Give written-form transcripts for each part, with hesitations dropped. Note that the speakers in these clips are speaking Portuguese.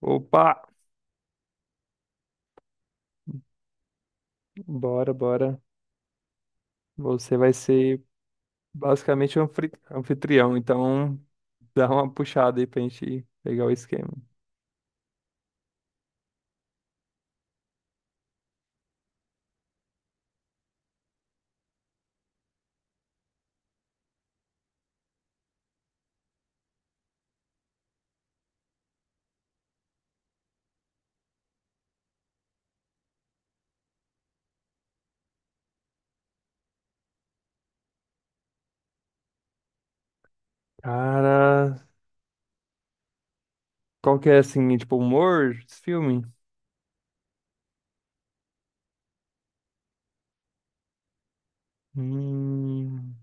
Opa, bora, bora. Você vai ser basicamente o anfitrião, então dá uma puxada aí pra gente pegar o esquema. Cara, qual que é assim, tipo, humor desse filme? Hum...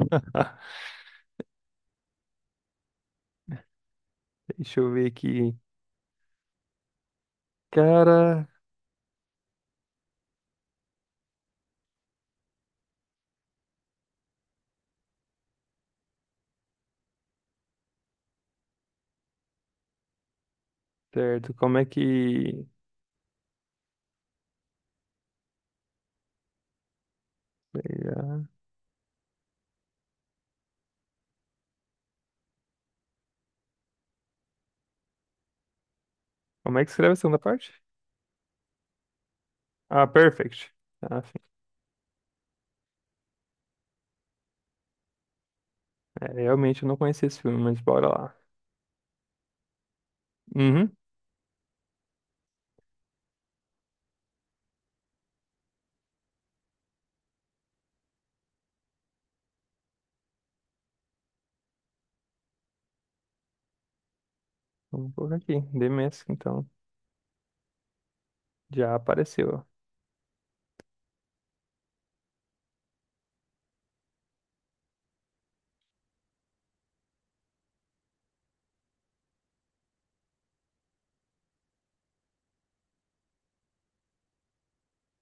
Deixa eu ver aqui. Cara, certo, como é que. Como é que escreve a segunda parte? Ah, perfect. Ah, sim. É, realmente eu não conhecia esse filme, mas bora lá. Uhum. Vamos colocar aqui. The Mask, então. Já apareceu.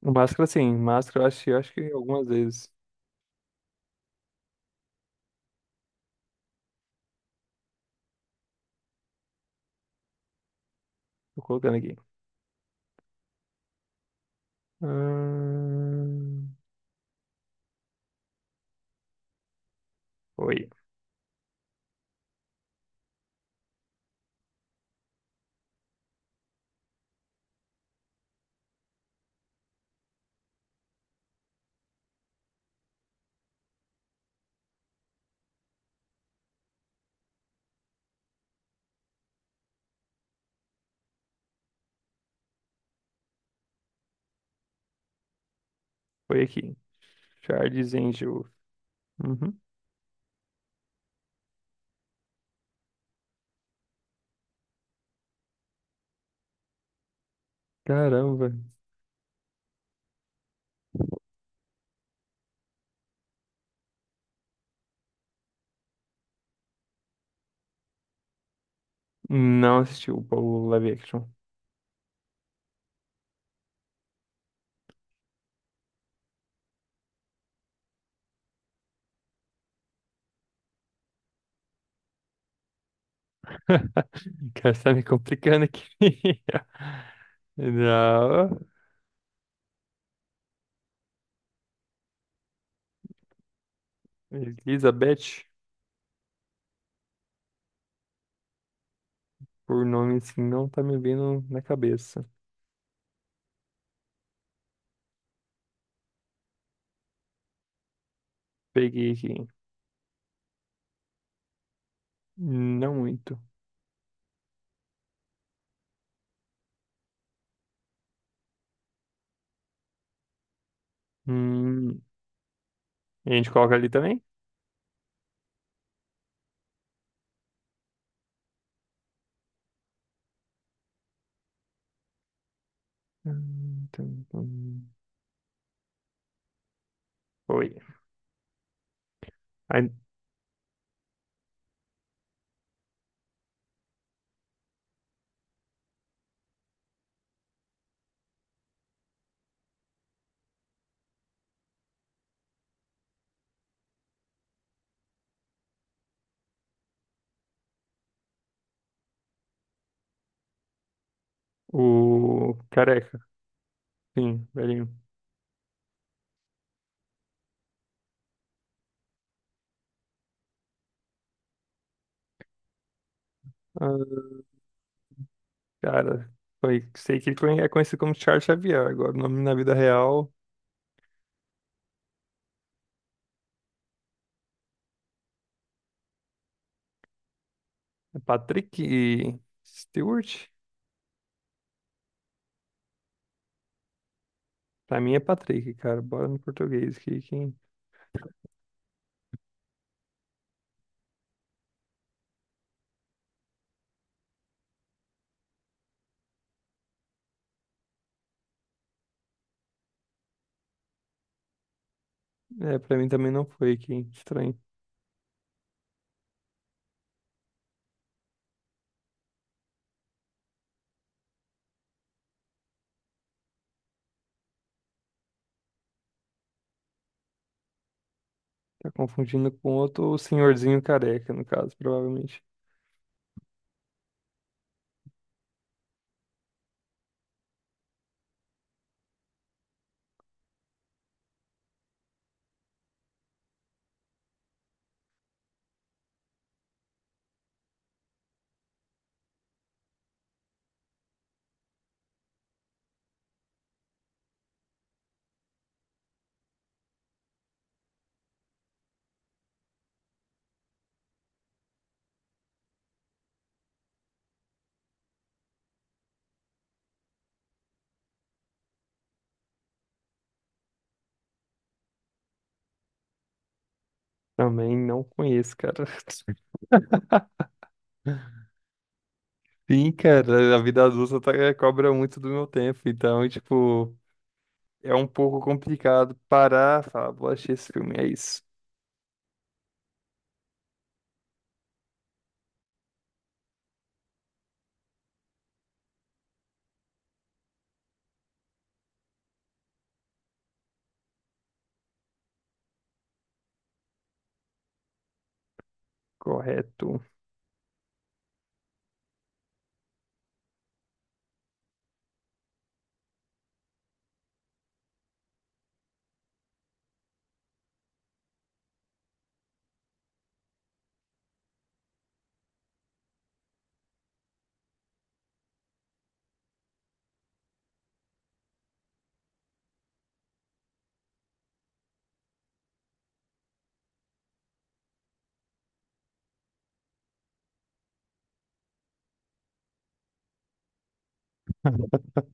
Máscara, sim. Máscara, eu acho que algumas vezes. Tô colocando aqui. Ahn, Foi. Foi aqui. Charles Angel. Uhum. Caramba. Não assisti o live action. Cara, você tá me complicando aqui. Não. Elizabeth, por nome assim, não tá me vindo na cabeça. Peguei aqui. Não muito. Hum, E a gente coloca ali também? Tum, tum. Foi. O careca, sim, velhinho. Ah, cara, foi, sei que ele é conhecido como Charles Xavier. Agora, o nome na vida real é Patrick Stewart. Pra mim é Patrick, cara. Bora no português que quem é pra mim também não foi quem estranho. Tá confundindo com outro senhorzinho careca, no caso, provavelmente. Também não conheço, cara. Sim, cara, a vida adulta cobra muito do meu tempo, então, tipo, é um pouco complicado parar, e falar, vou assistir esse filme, é isso. Correto.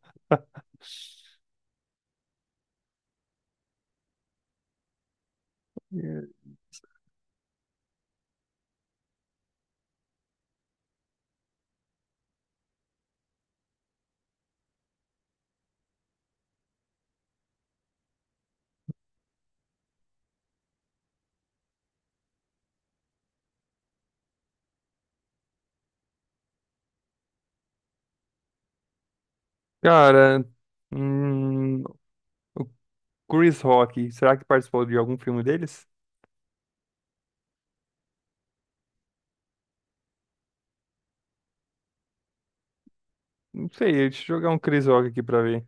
Cara, hum, o Chris Rock, será que participou de algum filme deles? Não sei, deixa eu jogar um Chris Rock aqui pra ver.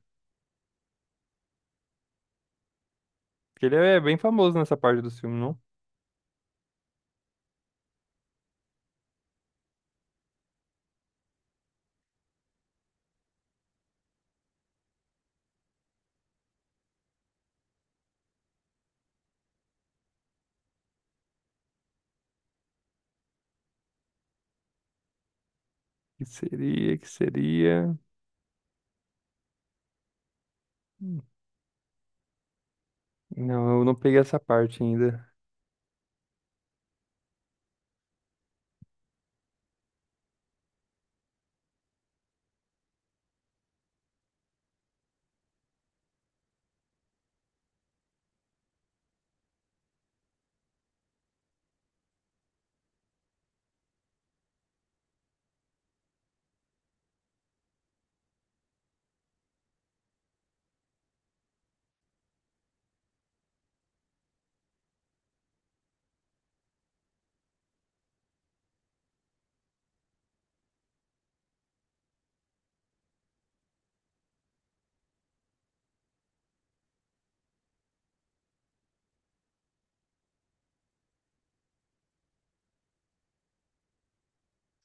Porque ele é bem famoso nessa parte do filme, não? Que seria... Hum, não, eu não peguei essa parte ainda,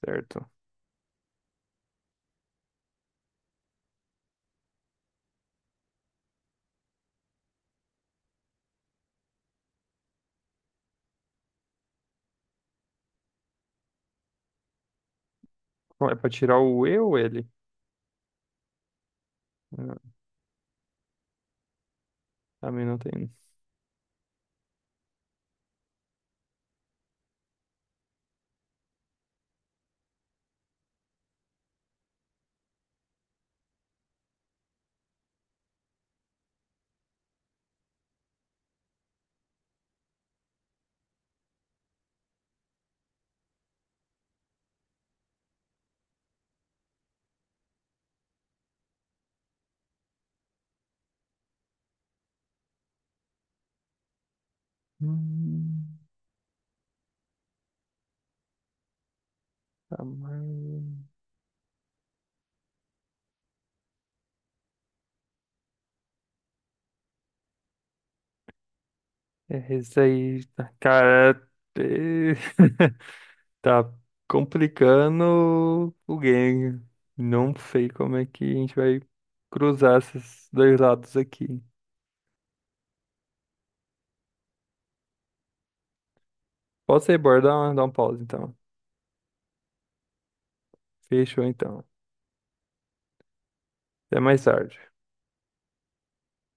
certo? Bom, é pra tirar o E ou L? Ah, a mim não tem. Hum, tamanho. É esse aí. Cara, é- tá complicando o game. Não sei como é que a gente vai cruzar esses dois lados aqui. Posso ir, bora? Dar um pause então. Fechou então. Até mais tarde.